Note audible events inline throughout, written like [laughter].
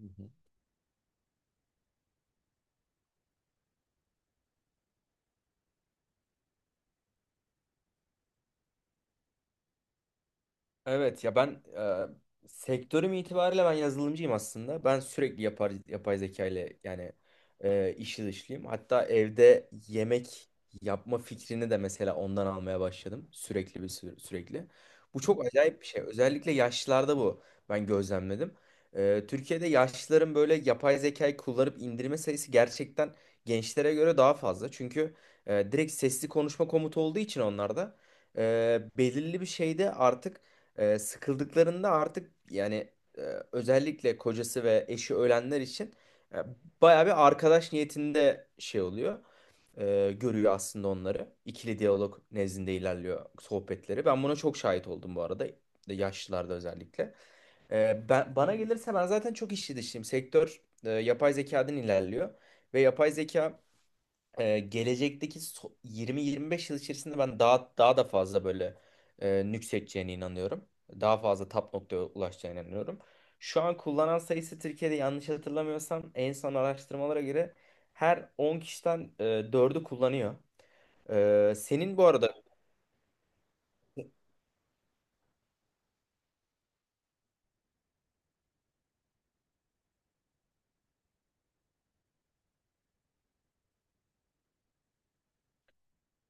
Hı hı. Evet ya ben sektörüm itibariyle ben yazılımcıyım aslında. Ben sürekli yapay zeka ile yani işli dışlıyım. Hatta evde yemek yapma fikrini de mesela ondan almaya başladım. Sürekli bir sürekli. Bu çok acayip bir şey. Özellikle yaşlılarda bu ben gözlemledim. Türkiye'de yaşlıların böyle yapay zekayı kullanıp indirme sayısı gerçekten gençlere göre daha fazla. Çünkü direkt sesli konuşma komutu olduğu için onlarda belirli bir şeyde artık sıkıldıklarında artık yani e, özellikle kocası ve eşi ölenler için e, bayağı bir arkadaş niyetinde şey oluyor. Görüyor aslında onları. İkili diyalog nezdinde ilerliyor sohbetleri. Ben buna çok şahit oldum bu arada. Yaşlılarda özellikle. Bana gelirse ben zaten çok işçi dışıyım. Sektör yapay zekadan ilerliyor. Ve yapay zeka gelecekteki 20-25 yıl içerisinde ben daha daha da fazla böyle nüksedeceğine inanıyorum. Daha fazla tap noktaya ulaşacağına inanıyorum. Şu an kullanan sayısı Türkiye'de yanlış hatırlamıyorsam en son araştırmalara göre her 10 kişiden 4'ü kullanıyor. Senin bu arada.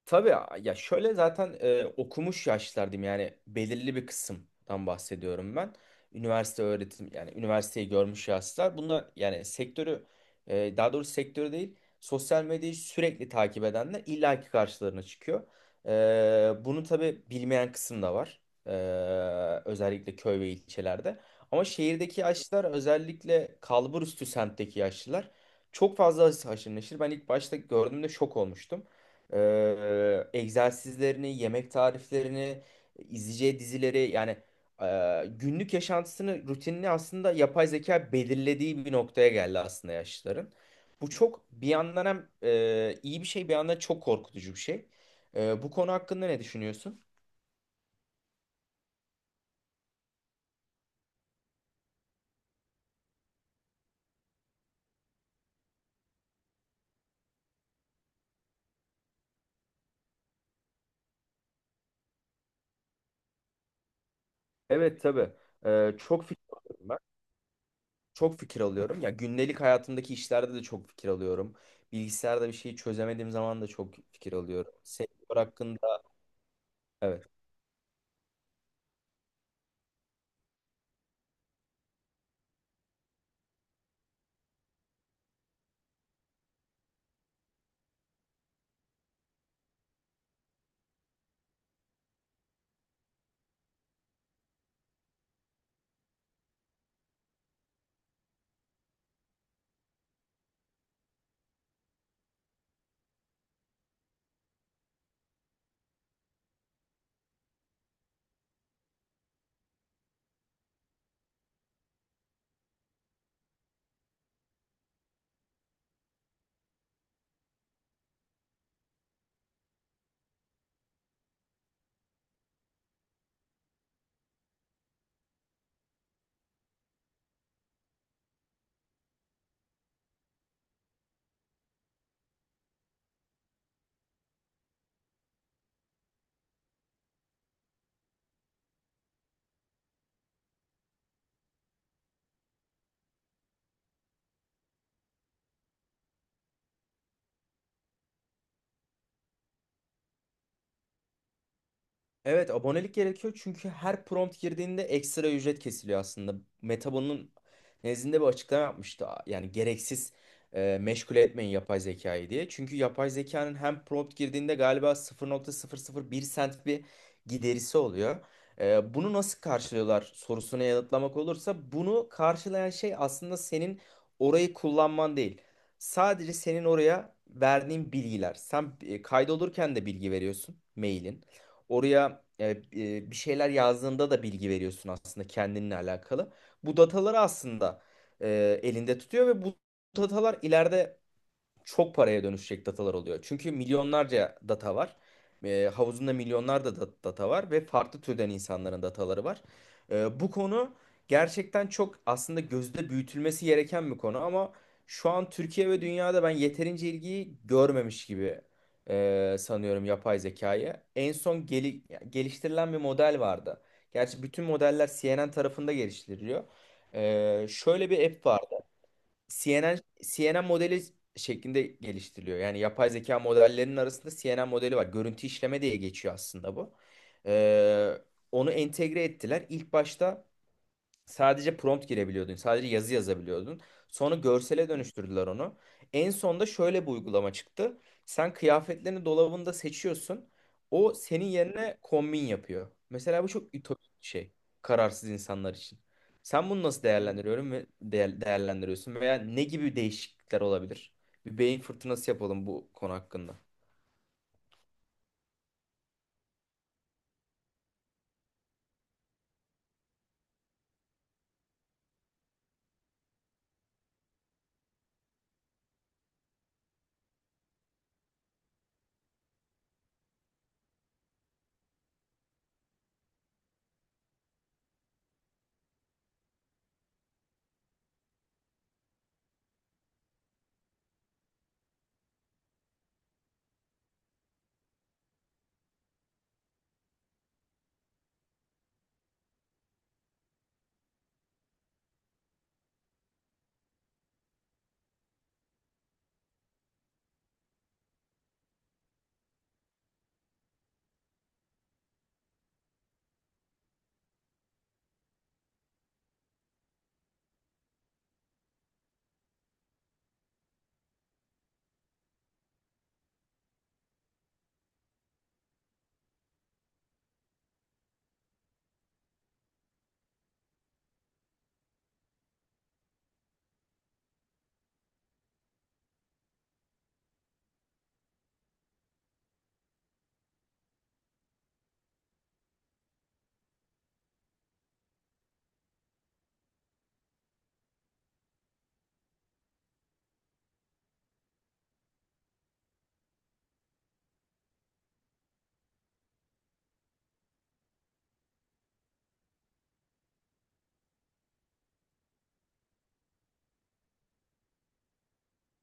Tabii ya, şöyle zaten okumuş yaşlardım yani belirli bir kısımdan bahsediyorum ben. Üniversite öğretim yani üniversiteyi görmüş yaşlar. Bunlar yani sektörü daha doğrusu sektörü değil sosyal medyayı sürekli takip edenler illaki karşılarına çıkıyor. Bunu tabii bilmeyen kısım da var. E, özellikle köy ve ilçelerde. Ama şehirdeki yaşlılar özellikle kalburüstü semtteki yaşlılar çok fazla haşır neşir. Ben ilk başta gördüğümde şok olmuştum egzersizlerini, yemek tariflerini, izleyeceği dizileri yani günlük yaşantısını, rutinini aslında yapay zeka belirlediği bir noktaya geldi aslında yaşlıların. Bu çok bir yandan hem iyi bir şey, bir yandan çok korkutucu bir şey. Bu konu hakkında ne düşünüyorsun? Evet, tabii. Çok fikir alıyorum ben. Çok fikir alıyorum. Ya gündelik hayatımdaki işlerde de çok fikir alıyorum. Bilgisayarda bir şeyi çözemediğim zaman da çok fikir alıyorum. Sektör hakkında, evet. Evet, abonelik gerekiyor çünkü her prompt girdiğinde ekstra ücret kesiliyor aslında. Meta bunun nezdinde bir açıklama yapmıştı. Yani gereksiz meşgul etmeyin yapay zekayı diye. Çünkü yapay zekanın hem prompt girdiğinde galiba 0,001 sent bir giderisi oluyor. Bunu nasıl karşılıyorlar sorusuna yanıtlamak olursa bunu karşılayan şey aslında senin orayı kullanman değil. Sadece senin oraya verdiğin bilgiler. Sen kaydolurken de bilgi veriyorsun, mailin. Oraya bir şeyler yazdığında da bilgi veriyorsun aslında kendinle alakalı. Bu dataları aslında elinde tutuyor ve bu datalar ileride çok paraya dönüşecek datalar oluyor. Çünkü milyonlarca data var. Havuzunda milyonlarca data var ve farklı türden insanların dataları var. Bu konu gerçekten çok aslında gözde büyütülmesi gereken bir konu ama şu an Türkiye ve dünyada ben yeterince ilgiyi görmemiş gibi sanıyorum yapay zekayı. En son geliştirilen bir model vardı. Gerçi bütün modeller CNN tarafında geliştiriliyor. Şöyle bir app var. CNN modeli şeklinde geliştiriliyor. Yani yapay zeka modellerinin arasında CNN modeli var. Görüntü işleme diye geçiyor aslında bu. Ee, onu entegre ettiler. İlk başta sadece prompt girebiliyordun. Sadece yazı yazabiliyordun. Sonra görsele dönüştürdüler onu. En sonda şöyle bir uygulama çıktı. Sen kıyafetlerini dolabında seçiyorsun. O senin yerine kombin yapıyor. Mesela bu çok ütopik bir şey. Kararsız insanlar için. Sen bunu nasıl değerlendiriyorum ve değerlendiriyorsun veya ne gibi değişiklikler olabilir? Bir beyin fırtınası yapalım bu konu hakkında.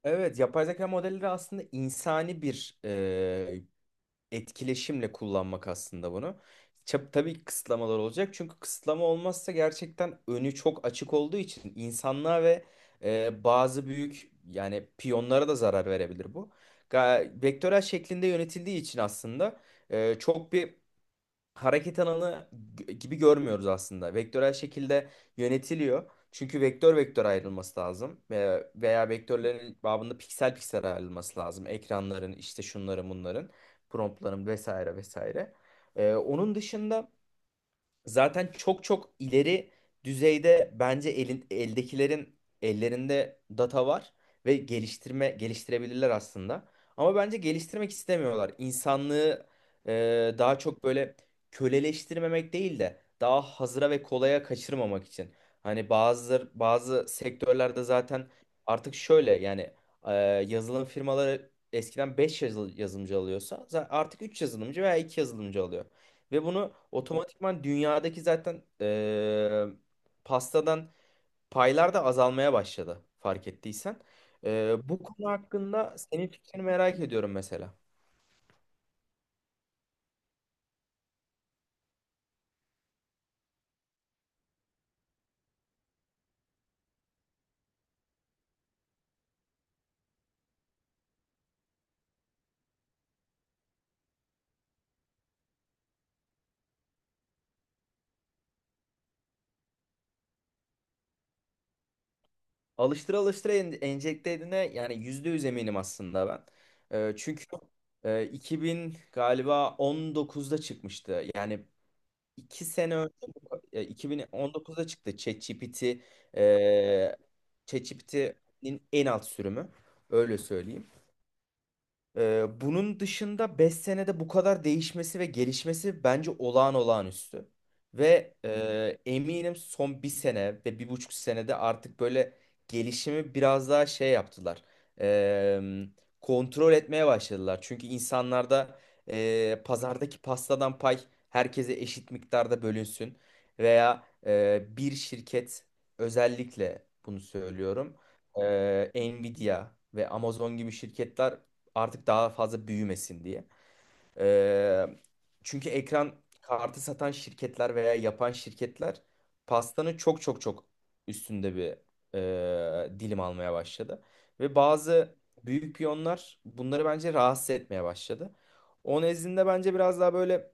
Evet, yapay zeka modelleri aslında insani bir etkileşimle kullanmak aslında bunu. Tabii kısıtlamalar olacak çünkü kısıtlama olmazsa gerçekten önü çok açık olduğu için insanlığa ve bazı büyük yani piyonlara da zarar verebilir bu. Vektörel şeklinde yönetildiği için aslında çok bir hareket alanı gibi görmüyoruz aslında. Vektörel şekilde yönetiliyor. Çünkü vektör vektör ayrılması lazım. Veya vektörlerin babında piksel piksel ayrılması lazım. Ekranların, işte şunların bunların, promptların, vesaire vesaire. Onun dışında zaten çok çok ileri düzeyde bence elin, eldekilerin ellerinde data var ve geliştirme geliştirebilirler aslında. Ama bence geliştirmek istemiyorlar. İnsanlığı daha çok böyle köleleştirmemek değil de daha hazıra ve kolaya kaçırmamak için. Hani bazı bazı sektörlerde zaten artık şöyle yani e, yazılım firmaları eskiden 5 yazılımcı alıyorsa artık 3 yazılımcı veya 2 yazılımcı alıyor. Ve bunu otomatikman dünyadaki zaten pastadan paylar da azalmaya başladı, fark ettiysen. Bu konu hakkında senin fikrini merak ediyorum mesela. Alıştıra alıştıra enjekte edine yani %100 eminim aslında ben. Çünkü 2000 galiba 19'da çıkmıştı. Yani 2 sene önce 2019'da çıktı ChatGPT, e, ChatGPT'nin en alt sürümü öyle söyleyeyim. Bunun dışında 5 senede bu kadar değişmesi ve gelişmesi bence olağanüstü. Ve eminim son bir sene ve 1,5 senede artık böyle gelişimi biraz daha şey yaptılar. Ee, kontrol etmeye başladılar. Çünkü insanlarda pazardaki pastadan pay herkese eşit miktarda bölünsün. Veya bir şirket, özellikle bunu söylüyorum. Nvidia ve Amazon gibi şirketler artık daha fazla büyümesin diye. Ee, çünkü ekran kartı satan şirketler veya yapan şirketler pastanın çok çok çok üstünde bir dilim almaya başladı. Ve bazı büyük piyonlar bunları bence rahatsız etmeye başladı. O nezdinde bence biraz daha böyle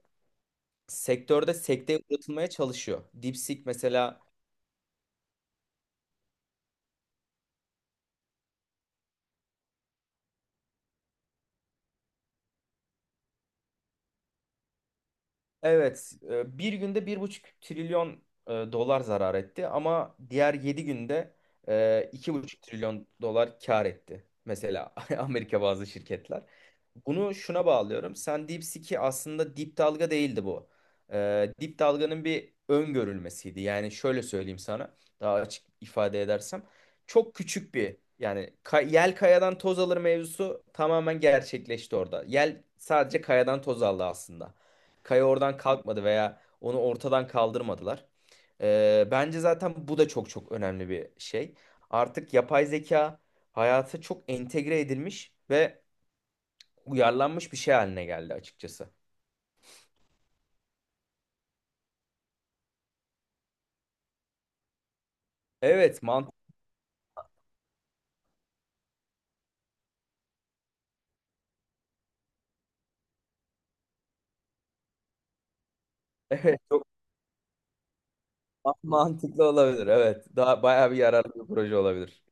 sektörde sekteye uğratılmaya çalışıyor. DeepSeek mesela. Evet, bir günde 1,5 trilyon dolar zarar etti ama diğer 7 günde 2,5 trilyon dolar kar etti. Mesela [laughs] Amerika bazı şirketler. Bunu şuna bağlıyorum. Sen DeepSeek'i aslında dip dalga değildi bu. Dip dalganın bir öngörülmesiydi. Yani şöyle söyleyeyim sana, daha açık ifade edersem. Çok küçük bir yani yel kayadan toz alır mevzusu tamamen gerçekleşti orada. Yel sadece kayadan toz aldı aslında. Kaya oradan kalkmadı veya onu ortadan kaldırmadılar. Bence zaten bu da çok çok önemli bir şey. Artık yapay zeka hayata çok entegre edilmiş ve uyarlanmış bir şey haline geldi açıkçası. Evet, mantıklı. [laughs] Evet, çok mantıklı olabilir. Evet, daha bayağı bir yararlı bir proje olabilir.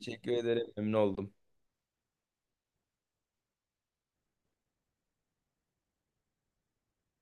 Teşekkür ederim, memnun oldum.